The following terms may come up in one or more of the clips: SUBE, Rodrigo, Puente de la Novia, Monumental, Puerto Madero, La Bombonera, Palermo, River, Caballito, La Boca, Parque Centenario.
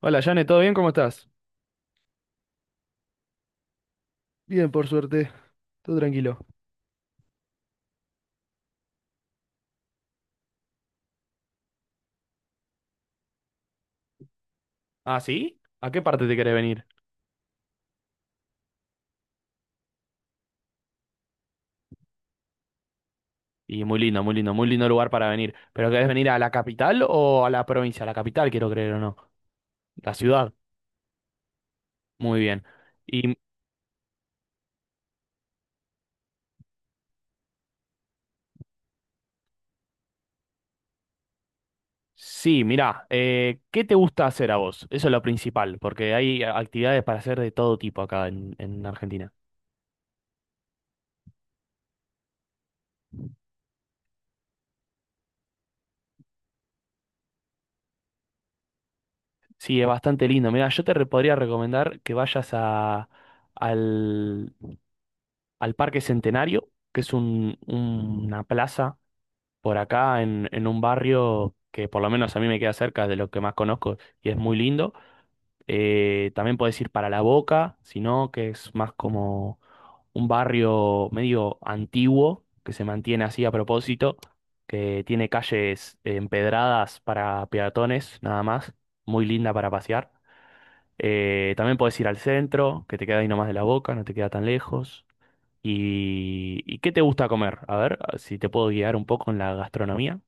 Hola, Jane, ¿todo bien? ¿Cómo estás? Bien, por suerte, todo tranquilo. ¿Ah, sí? ¿A qué parte te querés venir? Y muy lindo, muy lindo, muy lindo lugar para venir. ¿Pero querés venir a la capital o a la provincia? A la capital, quiero creer o no. La ciudad. Muy bien. Y sí, mirá, ¿qué te gusta hacer a vos? Eso es lo principal, porque hay actividades para hacer de todo tipo acá en Argentina. Sí, es bastante lindo. Mirá, yo podría recomendar que vayas al, al Parque Centenario, que es una plaza. Por acá en un barrio que por lo menos a mí me queda cerca de lo que más conozco y es muy lindo. También podés ir para La Boca, sino que es más como un barrio medio antiguo, que se mantiene así a propósito, que tiene calles empedradas para peatones, nada más, muy linda para pasear. También podés ir al centro, que te queda ahí nomás de La Boca, no te queda tan lejos. ¿Y qué te gusta comer? A ver, si te puedo guiar un poco en la gastronomía.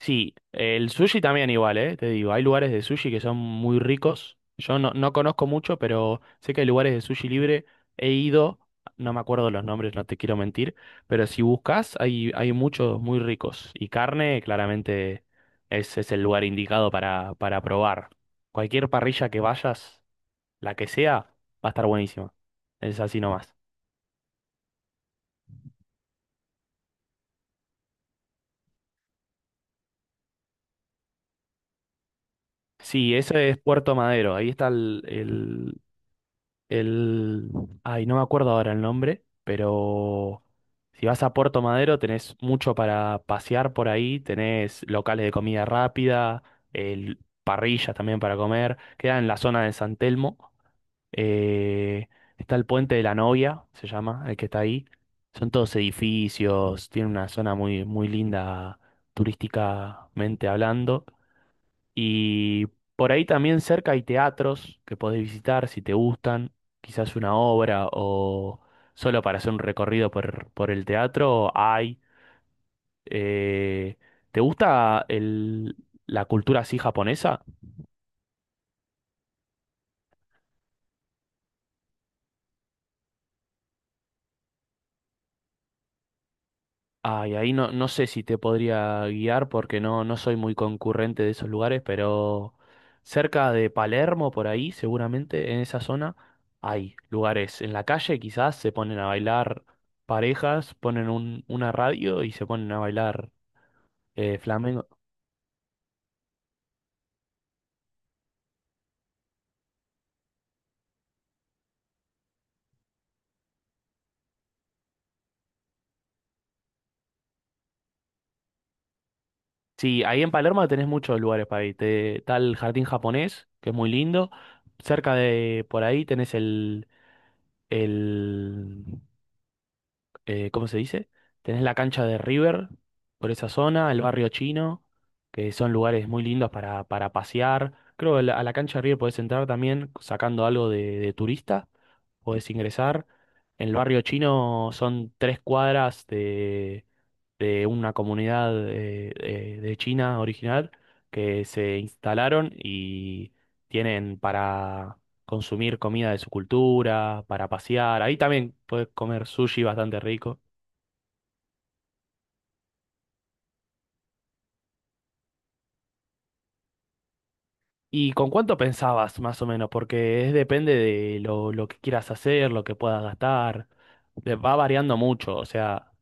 Sí, el sushi también igual, ¿eh? Te digo, hay lugares de sushi que son muy ricos. Yo no, no conozco mucho, pero sé que hay lugares de sushi libre. He ido, no me acuerdo los nombres, no te quiero mentir, pero si buscas, hay muchos muy ricos. Y carne, claramente, ese es el lugar indicado para probar. Cualquier parrilla que vayas, la que sea, va a estar buenísima. Es así nomás. Sí, ese es Puerto Madero. Ahí está el, ay, no me acuerdo ahora el nombre, pero si vas a Puerto Madero tenés mucho para pasear por ahí, tenés locales de comida rápida, parrillas también para comer, queda en la zona de San Telmo, eh, está el Puente de la Novia, se llama, el que está ahí, son todos edificios, tiene una zona muy linda turísticamente hablando. Y por ahí también cerca hay teatros que podés visitar si te gustan, quizás una obra o solo para hacer un recorrido por el teatro hay. Eh, ¿te gusta el- la cultura así japonesa? Ay, ahí no, no sé si te podría guiar porque no soy muy concurrente de esos lugares, pero cerca de Palermo, por ahí, seguramente, en esa zona, hay lugares. En la calle quizás se ponen a bailar parejas, ponen una radio y se ponen a bailar flamenco. Sí, ahí en Palermo tenés muchos lugares para ir. Está el jardín japonés, que es muy lindo. Cerca de por ahí tenés el ¿cómo se dice? Tenés la cancha de River por esa zona, el barrio chino, que son lugares muy lindos para pasear. Creo que a a la cancha de River podés entrar también sacando algo de turista, podés ingresar. En el barrio chino son tres cuadras de una comunidad de China original que se instalaron y tienen para consumir comida de su cultura, para pasear. Ahí también puedes comer sushi bastante rico. ¿Y con cuánto pensabas, más o menos? Porque es depende de lo que quieras hacer, lo que puedas gastar. Va variando mucho, o sea.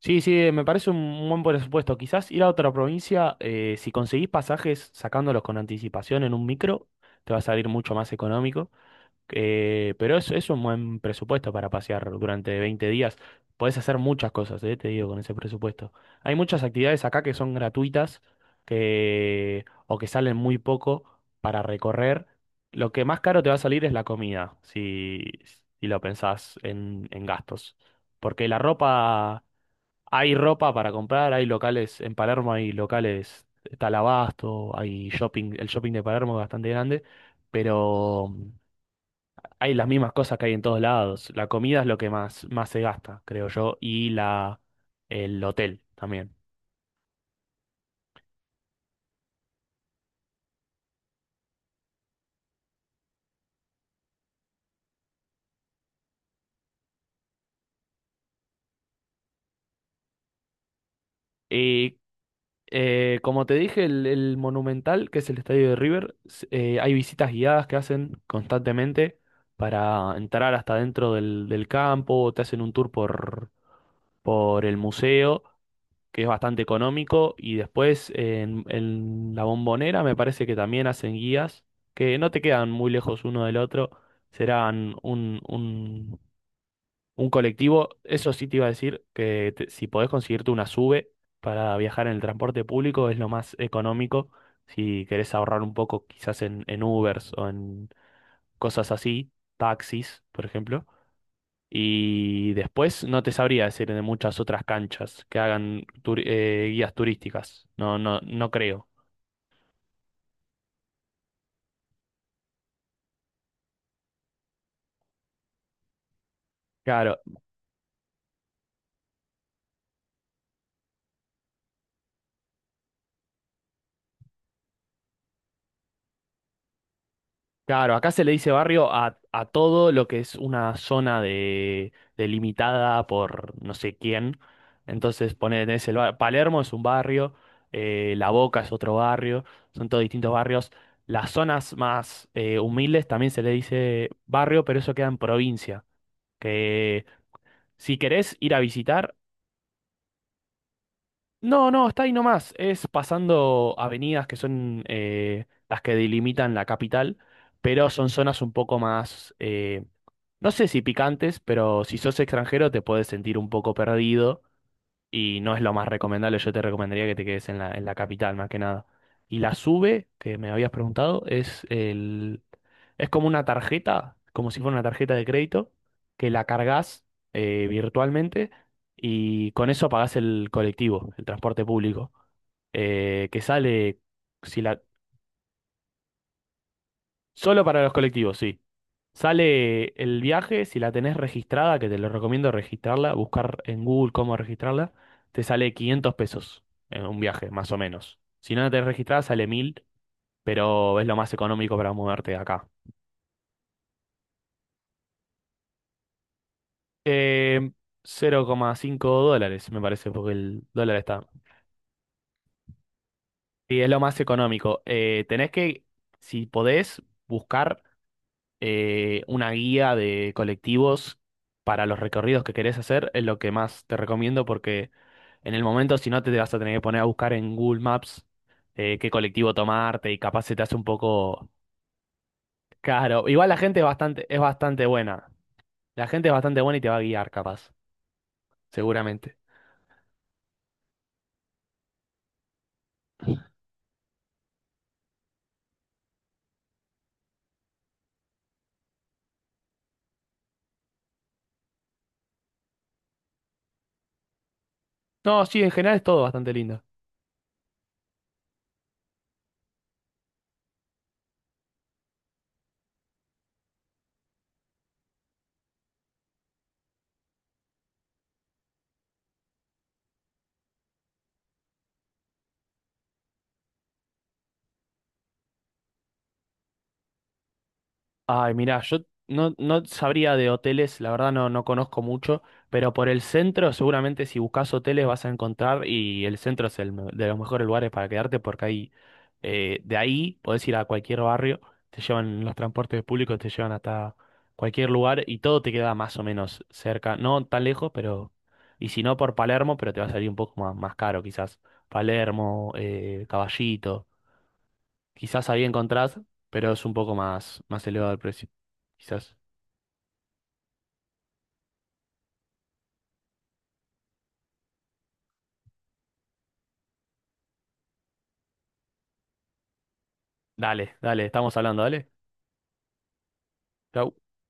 Sí, sí, me parece un buen presupuesto. Quizás ir a otra provincia, si conseguís pasajes sacándolos con anticipación en un micro, te va a salir mucho más económico. Pero es un buen presupuesto para pasear durante 20 días. Podés hacer muchas cosas, te digo, con ese presupuesto. Hay muchas actividades acá que son gratuitas que, o que salen muy poco para recorrer. Lo que más caro te va a salir es la comida, si, si lo pensás en gastos. Porque la ropa, hay ropa para comprar, hay locales, en Palermo hay locales, está el Abasto, hay shopping, el shopping de Palermo es bastante grande, pero hay las mismas cosas que hay en todos lados. La comida es lo que más se gasta, creo yo, y el hotel también. Y como te dije, el Monumental, que es el estadio de River, hay visitas guiadas que hacen constantemente para entrar hasta dentro del campo, te hacen un tour por el museo que es bastante económico. Y después en La Bombonera me parece que también hacen guías que no te quedan muy lejos uno del otro. Serán un colectivo. Eso sí te iba a decir que si podés conseguirte una SUBE para viajar en el transporte público es lo más económico. Si querés ahorrar un poco quizás en Ubers o en cosas así, taxis, por ejemplo. Y después no te sabría decir de muchas otras canchas que hagan guías turísticas. No creo. Claro, claro, acá se le dice barrio a todo lo que es una zona delimitada por no sé quién. Entonces, poner tenés el bar- Palermo es un barrio, La Boca es otro barrio, son todos distintos barrios. Las zonas más humildes también se le dice barrio, pero eso queda en provincia. Que si querés ir a visitar, no, no, está ahí nomás. Es pasando avenidas que son las que delimitan la capital, pero son zonas un poco más, no sé si picantes, pero si sos extranjero te puedes sentir un poco perdido y no es lo más recomendable. Yo te recomendaría que te quedes en en la capital, más que nada. Y la SUBE, que me habías preguntado, es como una tarjeta, como si fuera una tarjeta de crédito, que la cargas virtualmente y con eso pagás el colectivo, el transporte público, que sale, si la, solo para los colectivos, sí. Sale el viaje, si la tenés registrada, que te lo recomiendo registrarla, buscar en Google cómo registrarla, te sale 500 pesos en un viaje, más o menos. Si no la tenés registrada, sale 1000, pero es lo más económico para moverte de acá. Eh, 0,5 dólares, me parece, porque el dólar está. Y es lo más económico. Tenés que, si podés, buscar una guía de colectivos para los recorridos que querés hacer es lo que más te recomiendo porque en el momento si no te vas a tener que poner a buscar en Google Maps qué colectivo tomarte y capaz se te hace un poco caro. Igual la gente es es bastante buena. La gente es bastante buena y te va a guiar capaz, seguramente. No, sí, en general es todo bastante lindo. Ay, mira, yo no, no sabría de hoteles, la verdad no conozco mucho, pero por el centro seguramente si buscas hoteles vas a encontrar y el centro es de los mejores lugares para quedarte porque ahí, de ahí podés ir a cualquier barrio, te llevan los transportes públicos, te llevan hasta cualquier lugar y todo te queda más o menos cerca, no tan lejos, pero, y si no por Palermo, pero te va a salir un poco más caro quizás, Palermo, Caballito. Quizás ahí encontrás, pero es un poco más elevado el precio. Quizás. Dale, dale, estamos hablando, dale. Chau.